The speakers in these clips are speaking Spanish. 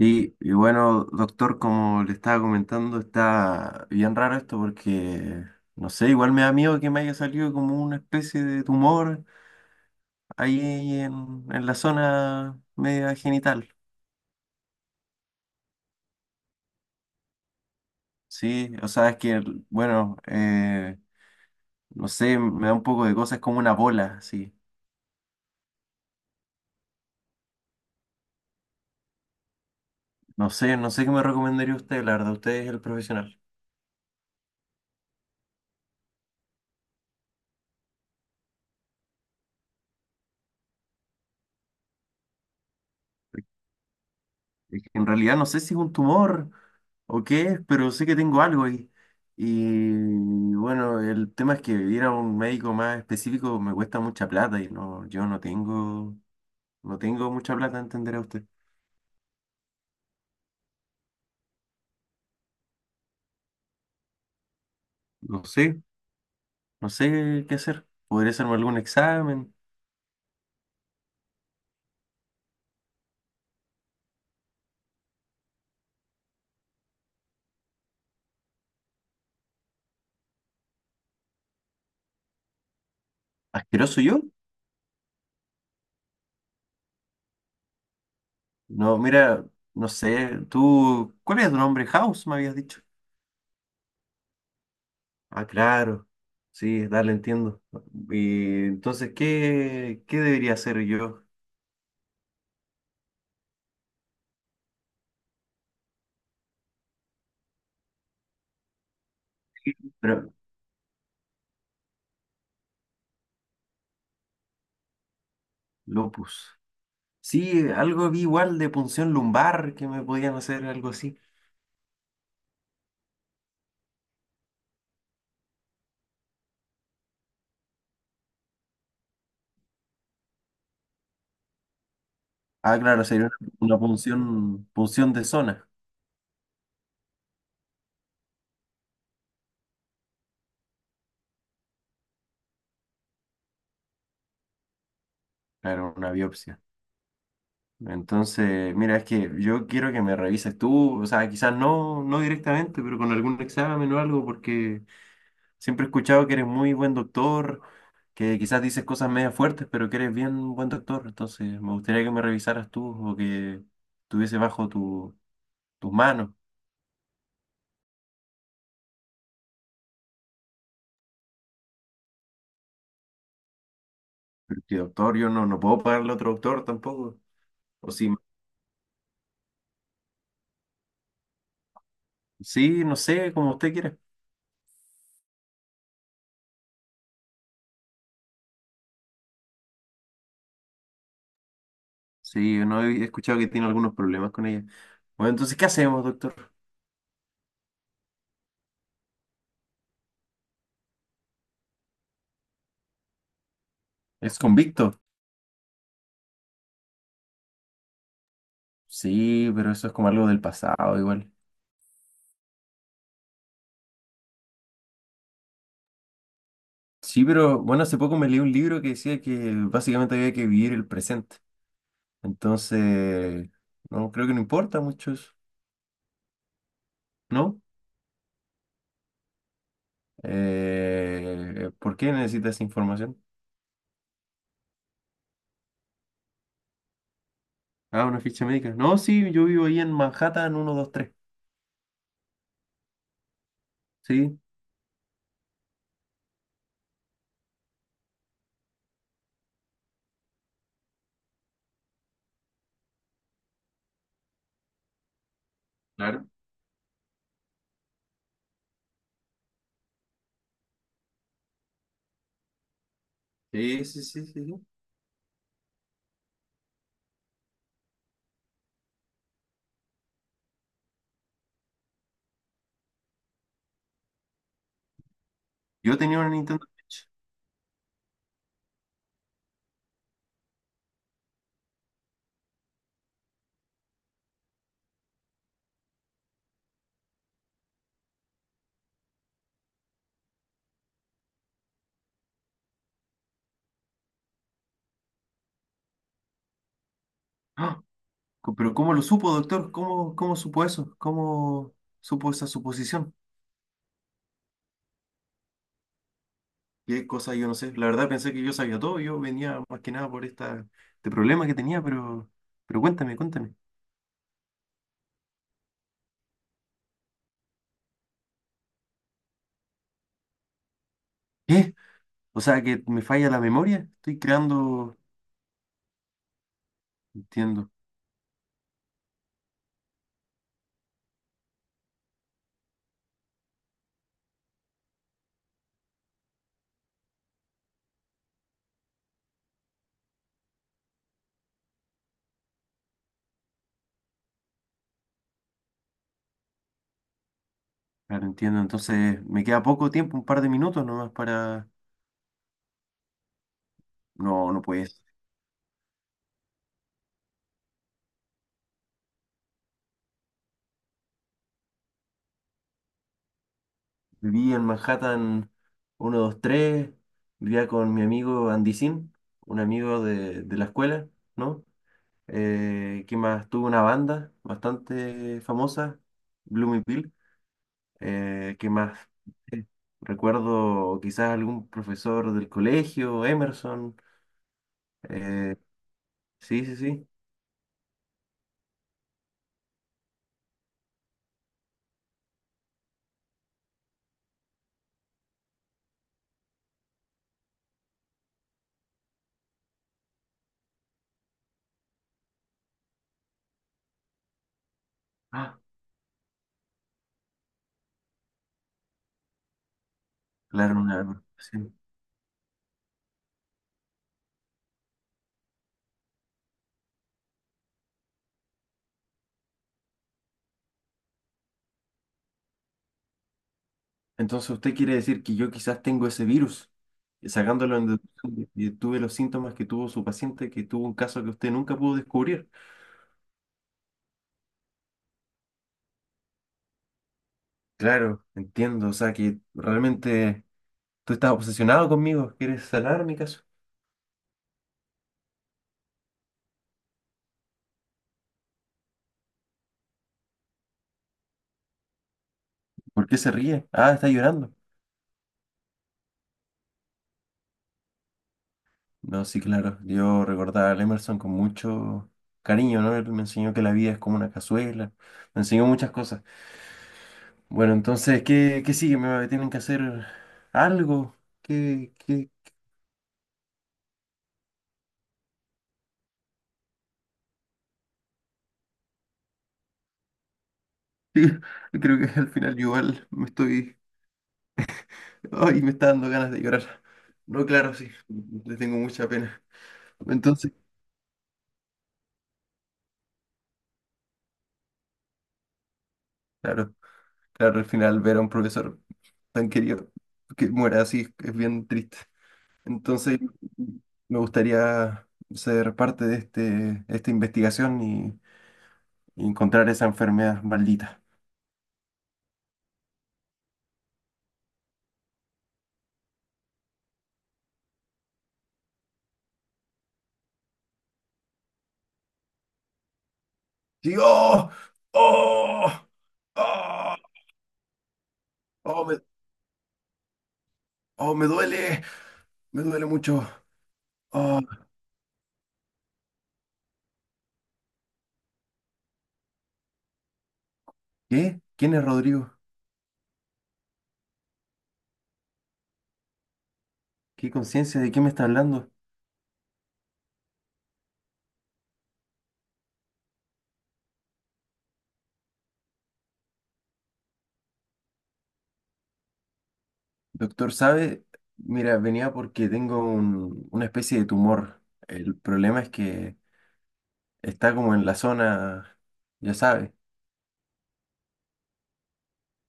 Y bueno, doctor, como le estaba comentando, está bien raro esto porque, no sé, igual me da miedo que me haya salido como una especie de tumor ahí en la zona media genital. Sí, o sea, es que, no sé, me da un poco de cosas como una bola, sí. No sé qué me recomendaría usted, la verdad, usted es el profesional. Es que en realidad no sé si es un tumor o qué es, pero sé que tengo algo ahí. Y bueno, el tema es que ir a un médico más específico me cuesta mucha plata y no, yo no tengo, no tengo mucha plata, entenderá usted. No sé, no sé qué hacer. ¿Podría hacerme algún examen? ¿Asqueroso yo? No, mira, no sé, tú, ¿cuál es tu nombre? House, me habías dicho. Ah, claro. Sí, dale, entiendo. Y entonces, ¿qué debería hacer yo? Pero lupus. Sí, algo vi igual de punción lumbar que me podían hacer algo así. Ah, claro, sería una punción de zona. Claro, una biopsia. Entonces, mira, es que yo quiero que me revises tú, o sea, quizás no directamente, pero con algún examen o algo, porque siempre he escuchado que eres muy buen doctor, que quizás dices cosas media fuertes, pero que eres bien buen doctor. Entonces, me gustaría que me revisaras tú o que tuviese tus manos. Porque doctor, yo no puedo pagarle a otro doctor tampoco. O sí, sí, no sé, como usted quiera. Sí, no he escuchado que tiene algunos problemas con ella. Bueno, entonces, ¿qué hacemos, doctor? ¿Es convicto? Sí, pero eso es como algo del pasado igual. Sí, pero bueno, hace poco me leí un libro que decía que básicamente había que vivir el presente. Entonces, no, creo que no importa mucho eso, ¿no? ¿por qué necesita esa información? Ah, una ficha médica. No, sí, yo vivo ahí en Manhattan 123. Sí. Claro. Sí, sí, sí, sí, sí. Yo tenía una Nintendo Switch. ¡Ah! Pero ¿cómo lo supo, doctor? ¿Cómo supo eso? ¿Cómo supo esa suposición? Qué cosa, yo no sé. La verdad pensé que yo sabía todo. Yo venía más que nada por este problema que tenía, pero cuéntame. ¿Qué? O sea, que me falla la memoria. Estoy creando… Entiendo, claro, entiendo. Entonces, me queda poco tiempo, un par de minutos nomás para… No, no puede ser. Viví en Manhattan 123, vivía con mi amigo Andy, un amigo de la escuela, ¿no? ¿Qué más? Tuve una banda bastante famosa, Bloomy Pill. ¿Qué más? Eh, Recuerdo quizás algún profesor del colegio, Emerson. eh, sí, sí, sí. Ah, claro, sí. Entonces usted quiere decir que yo quizás tengo ese virus, sacándolo en deducción, y tuve los síntomas que tuvo su paciente, que tuvo un caso que usted nunca pudo descubrir. Claro, entiendo, o sea que realmente tú estás obsesionado conmigo, quieres sanar mi caso. ¿Por qué se ríe? Ah, está llorando. No, sí, claro, yo recordaba a Emerson con mucho cariño, ¿no? Él me enseñó que la vida es como una cazuela, me enseñó muchas cosas. Bueno, entonces, ¿qué, qué sigue? ¿Me tienen que hacer algo? ¿Qué, qué, sí, creo que al final yo igual me estoy… Ay, me está dando ganas de llorar. No, claro, sí, le tengo mucha pena. Entonces, claro, claro, al final ver a un profesor tan querido que muera así es bien triste. Entonces, me gustaría ser parte de esta investigación y encontrar esa enfermedad maldita. Sí, ¡oh! ¡Oh! ¡Oh! ¡Oh, me, ¡oh, me duele! Me duele mucho. Oh, ¿qué? ¿Quién es Rodrigo? ¿Qué conciencia? ¿De qué me está hablando? Doctor, ¿sabe? Mira, venía porque tengo una especie de tumor. El problema es que está como en la zona, ya sabe,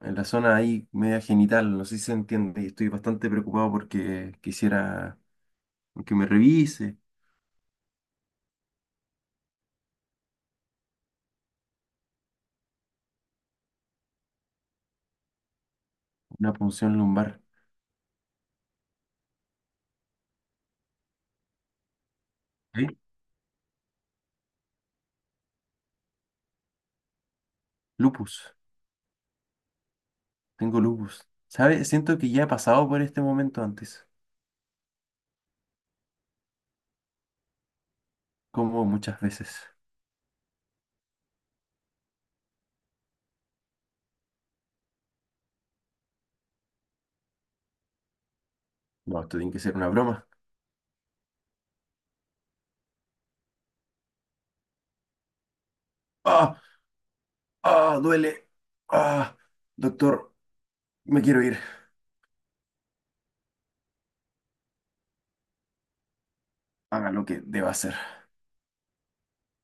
en la zona ahí media genital, no sé si se entiende, y estoy bastante preocupado porque quisiera que me revise. Una punción lumbar. ¿Eh? Lupus, tengo lupus. ¿Sabe? Siento que ya he pasado por este momento antes, como muchas veces. No, esto tiene que ser una broma. ¡Ah! Ah, duele. Ah, doctor, me quiero ir. Haga lo que deba hacer.